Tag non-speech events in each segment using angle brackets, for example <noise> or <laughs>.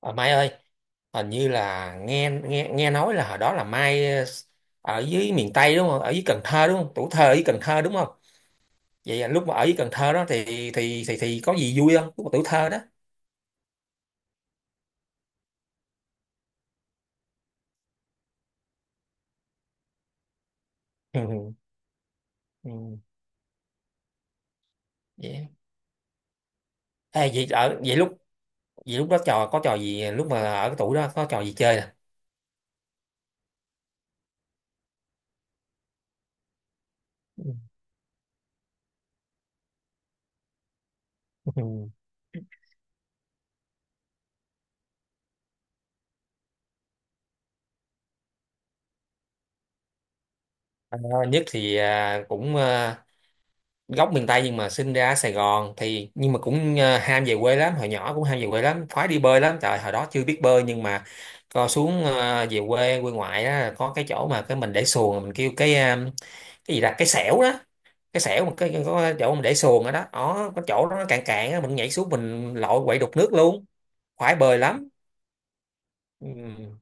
Ờ, Mai ơi, hình như là nghe nghe nghe nói là hồi đó là Mai ở dưới miền Tây đúng không? Ở dưới Cần Thơ đúng không? Tuổi thơ ở dưới Cần Thơ đúng không? Vậy là lúc mà ở dưới Cần Thơ đó thì thì có gì vui không? Lúc mà tuổi thơ đó. Ừ. Ừ. Vậy. Ê, vậy ở vậy lúc đó trò có trò gì lúc mà ở cái tuổi đó có trò gì chơi nè? Ừ. Ừ. Ờ, nhất thì cũng gốc miền Tây nhưng mà sinh ra ở Sài Gòn thì nhưng mà cũng ham về quê lắm, hồi nhỏ cũng ham về quê lắm, khoái đi bơi lắm. Trời, hồi đó chưa biết bơi nhưng mà co xuống về quê, quê ngoại á, có cái chỗ mà cái mình để xuồng mình kêu cái cái gì là cái xẻo đó, cái xẻo mà cái có cái chỗ mình để xuồng ở đó đó, có chỗ đó nó cạn cạn á, mình nhảy xuống mình lội quậy đục nước luôn, khoái bơi lắm. Ừ.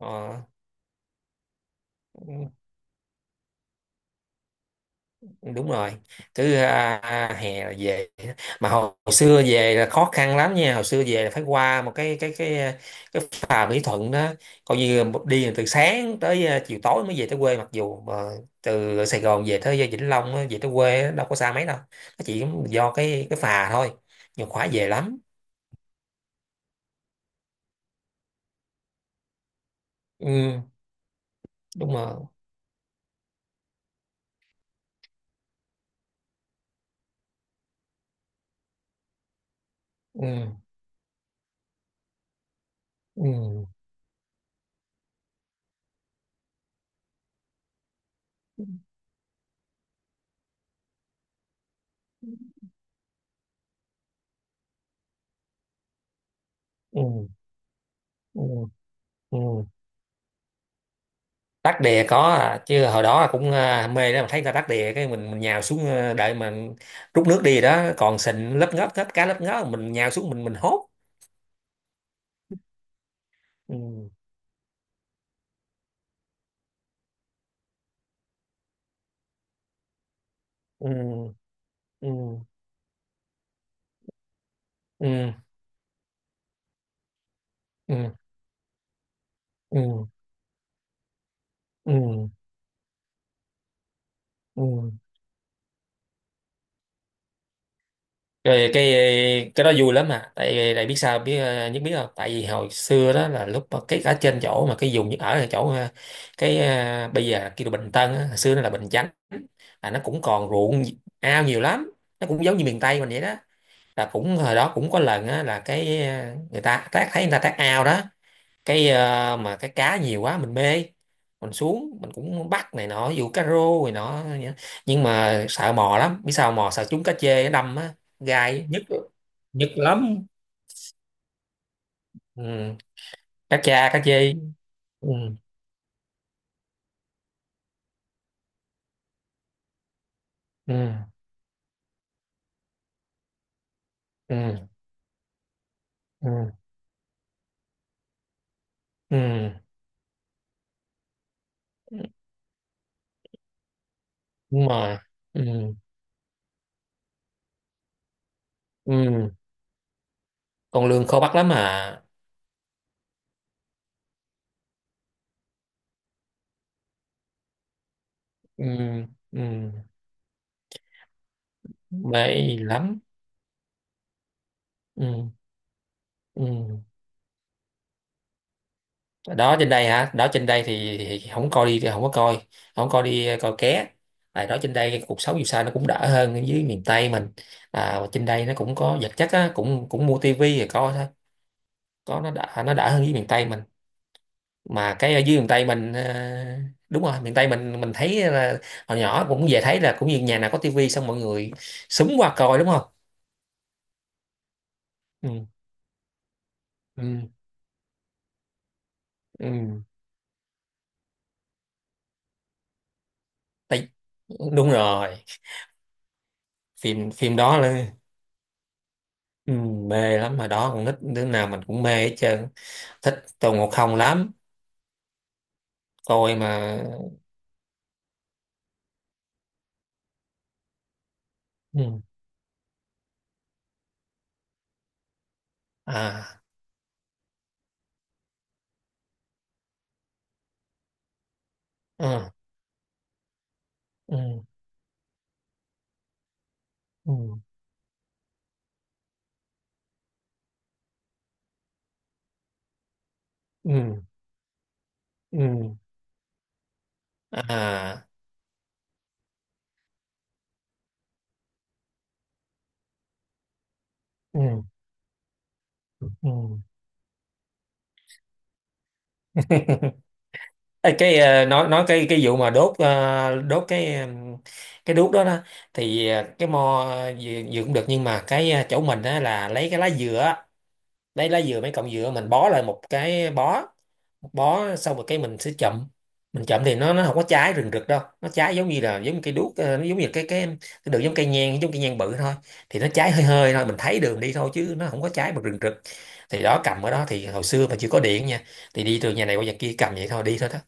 Ờ. Đúng rồi, cứ hè là về, mà hồi xưa về là khó khăn lắm nha, hồi xưa về là phải qua một cái cái cái phà Mỹ Thuận đó, coi như đi từ sáng tới chiều tối mới về tới quê, mặc dù mà từ Sài Gòn về tới Vĩnh Long á, về tới quê á, đâu có xa mấy đâu, nó chỉ do cái phà thôi, nhiều khóa về lắm. Ừ. Đúng rồi. Ừ, ừ. Ừ. Ừ. Ừ. Ừ. Đắc đè có chứ hồi đó cũng mê đó, mà thấy người ta đắc đè cái mình nhào xuống đợi mà rút nước đi đó, còn sình lấp ngóp hết, cá lấp ngóp mình nhào xuống mình hốt. Ừ. Ừ. Ừ. Ừ. Ừ. Ừ. Ừ. Ừ. Rồi cái đó vui lắm, mà tại tại biết sao biết, à, nhất biết không, tại vì hồi xưa đó là lúc mà cái ở trên chỗ mà cái vùng Nhất ở là chỗ cái bây giờ kêu là Bình Tân á, hồi xưa nó là Bình Chánh, là nó cũng còn ruộng ao nhiều lắm, nó cũng giống như miền Tây mình vậy đó, là cũng hồi đó cũng có lần á là cái người ta tác, thấy người ta tác ao đó, cái mà cái cá nhiều quá mình mê, mình xuống mình cũng bắt này nọ, dù cá rô này nọ, nhưng mà sợ mò lắm, biết sao mò sợ trúng cá chê nó đâm á, gai nhức, nhức lắm. Ừ. Cá cha cá chê. Ừ. Ừ. Ừ. Ừ. Ừ. Đúng rồi. Ừ. Ừ. Con lươn khó bắt lắm à. Ừ. Ừ. Mê lắm. Ừ. Ừ. Đó trên đây hả? Đó trên đây thì không coi đi, không có coi, không coi đi coi ké, tại đó trên đây cái cuộc sống dù sao nó cũng đỡ hơn ở dưới miền Tây mình, à, và trên đây nó cũng có vật chất á, cũng cũng mua tivi rồi coi thôi, có, nó đỡ hơn dưới miền Tây mình. Mà cái ở dưới miền Tây mình đúng rồi, miền Tây mình thấy là hồi nhỏ cũng về thấy là cũng như nhà nào có tivi xong mọi người súng qua coi đúng không. Ừ, ừ. Ừ. Tại, đúng rồi, phim phim đó là. Ừ, mê lắm, mà đó con nít đứa nào mình cũng mê hết trơn, thích Tôn Ngộ Không lắm, coi mà. Ừ. À. Ừ. Ừ. Ừ. Ừ. Ừ. À. Ừ. Ừ. <laughs> Ê, cái nói cái vụ mà đốt đốt cái cái đuốc đó đó, thì cái mo gì gì cũng được nhưng mà cái chỗ mình á là lấy cái lá dừa á, đây lá dừa mấy cọng dừa mình bó lại một cái bó, một bó xong rồi cái mình sẽ chậm, mình chậm thì nó không có trái rừng rực đâu, nó trái giống như là giống như cây đuốc, nó giống như cái đường, giống cây nhang, giống cây nhang bự thôi, thì nó trái hơi hơi thôi, mình thấy đường đi thôi chứ nó không có trái mà rừng rực, thì đó cầm ở đó thì hồi xưa mà chưa có điện nha, thì đi từ nhà này qua nhà kia cầm vậy thôi, đi thôi đó.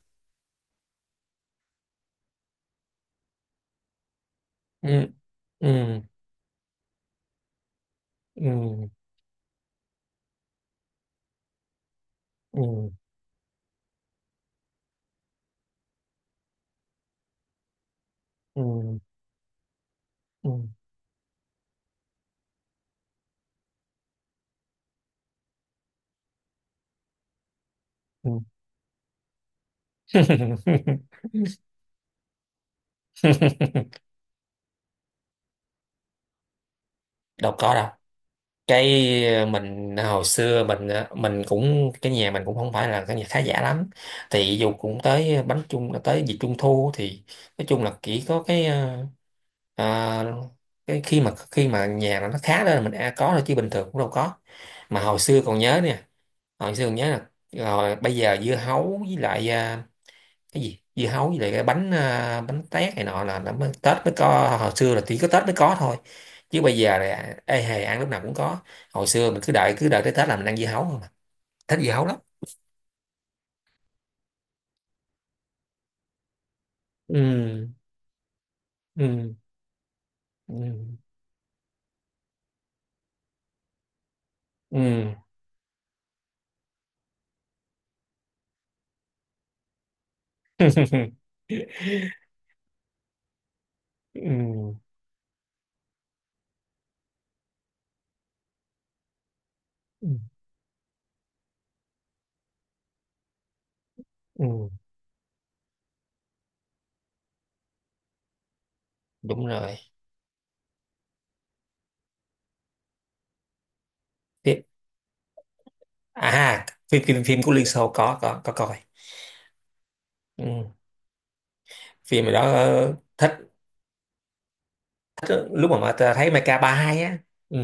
Ừ. Ừ. Ừ. Ừ. Ừ. Ừ. Ừ. <laughs> Đâu có đâu, cái mình hồi xưa mình mình cũng cái nhà mình cũng không phải là cái nhà khá giả lắm, thì dù cũng tới bánh trung tới dịp trung thu thì nói chung là chỉ có cái ờ, cái khi mà nhà nó khá lên là mình đã có rồi, chứ bình thường cũng đâu có. Mà hồi xưa còn nhớ nè, hồi xưa còn nhớ là rồi bây giờ dưa hấu với lại cái gì dưa hấu với lại cái bánh bánh tét này nọ là mới, Tết mới có, hồi xưa là chỉ có Tết mới có thôi chứ bây giờ là ê hề ăn lúc nào cũng có. Hồi xưa mình cứ đợi tới Tết là mình ăn dưa hấu không à, thích dưa hấu lắm. Ừ. Ừ. Ừ. Ừ. <laughs> Ừ. Ừ. Ừ. Đúng rồi. Tiếp- à, phim phim phim của Liên Xô, có coi. Ừ. Phim đó thích, thích lúc mà ta thấy Mecha 32 á. Ừ.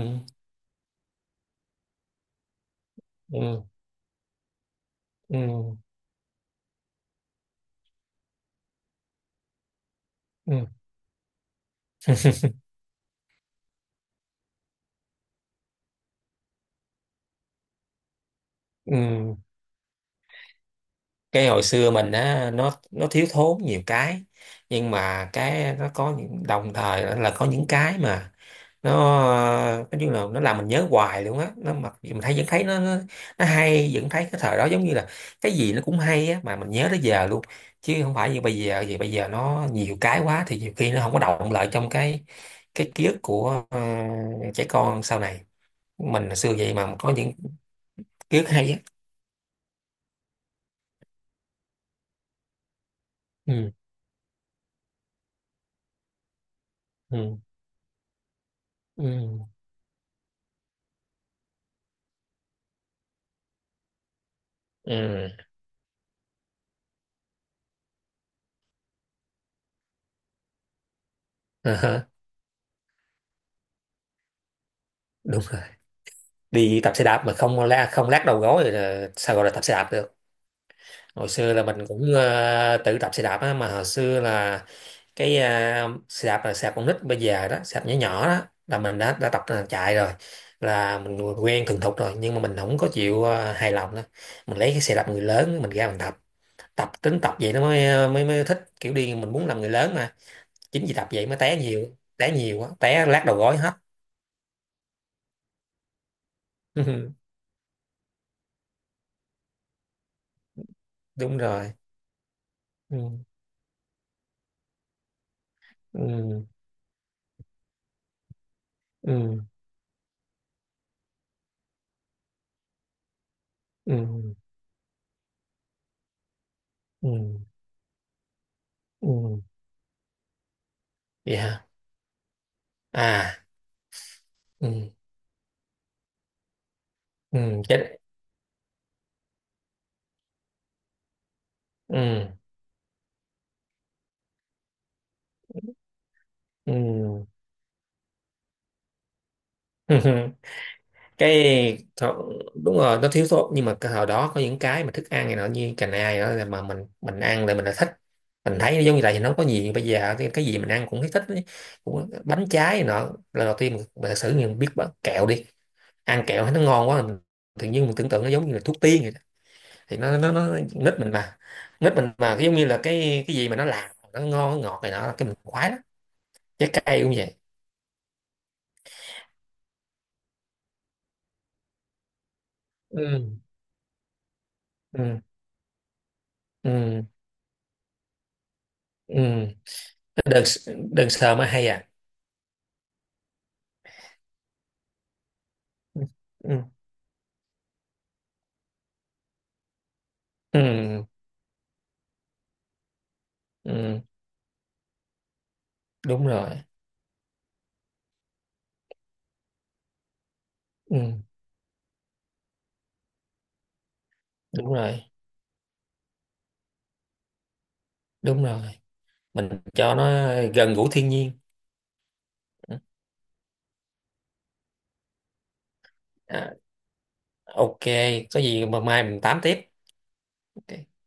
Ừ. Ừ. Ừ. Ừ. Cái hồi xưa mình á, nó thiếu thốn nhiều cái, nhưng mà cái nó có những đồng thời là có những cái mà nó nói chung là nó làm mình nhớ hoài luôn á, nó mặc dù mình thấy vẫn thấy nó hay, vẫn thấy cái thời đó giống như là cái gì nó cũng hay á, mà mình nhớ tới giờ luôn, chứ không phải như bây giờ vì bây giờ nó nhiều cái quá thì nhiều khi nó không có động lại trong cái ký ức của trẻ con sau này, mình hồi xưa vậy mà có những ký ức hay á. Ừ. Ừ. Ừ. Ừ. <laughs> Ờ hả, đúng, đi tập xe đạp mà không la không lát đầu gối rồi là sao gọi là tập xe đạp được. Hồi xưa là mình cũng tự tập xe đạp á, mà hồi xưa là cái xe đạp là xe đạp con nít bây giờ đó, xe đạp nhỏ nhỏ đó là mình đã tập là chạy rồi, là mình quen thuần thục rồi nhưng mà mình không có chịu, hài lòng đó, mình lấy cái xe đạp người lớn mình ra mình tập, tập tính tập vậy nó mới mới mới thích kiểu đi, mình muốn làm người lớn mà, chính vì tập vậy mới té nhiều, té nhiều quá té lát đầu gối hết. <laughs> Đúng rồi. Ừ. Ừ. Ừ. Ừ. Ừ. Ừ. Vậy hả. À. Ừ. Ừ. Cái. Ừ. Ừ. <laughs> Cái thọ- đúng rồi, nó thiếu sót nhưng mà cái hồi đó có những cái mà thức ăn này nọ như cành ai đó là, mà mình ăn là mình đã thích, mình thấy giống như là nó có gì bây giờ, cái gì mình ăn cũng thấy thích ấy, cũng bánh trái này nọ. Lần đầu tiên mình thật sự mình biết bánh kẹo đi ăn kẹo thấy nó ngon quá, mình tự nhiên mình tưởng tượng nó giống như là thuốc tiên vậy đó. Thì nó nít mình mà, nít mình mà giống như là cái gì mà nó làm nó ngon nó ngọt này nọ là cái mình khoái lắm, trái cây cũng vậy. Ừ. Ừ. Ừ. Ừ. Đừng, đừng sợ mà hay à. Ừ. Ừ. Ừ. Ừ. Đúng rồi. Ừ. Đúng rồi. Đúng rồi, mình cho nó gần gũi thiên nhiên. Ừ. À, ok, có gì mà mai mình tám tiếp. Ok.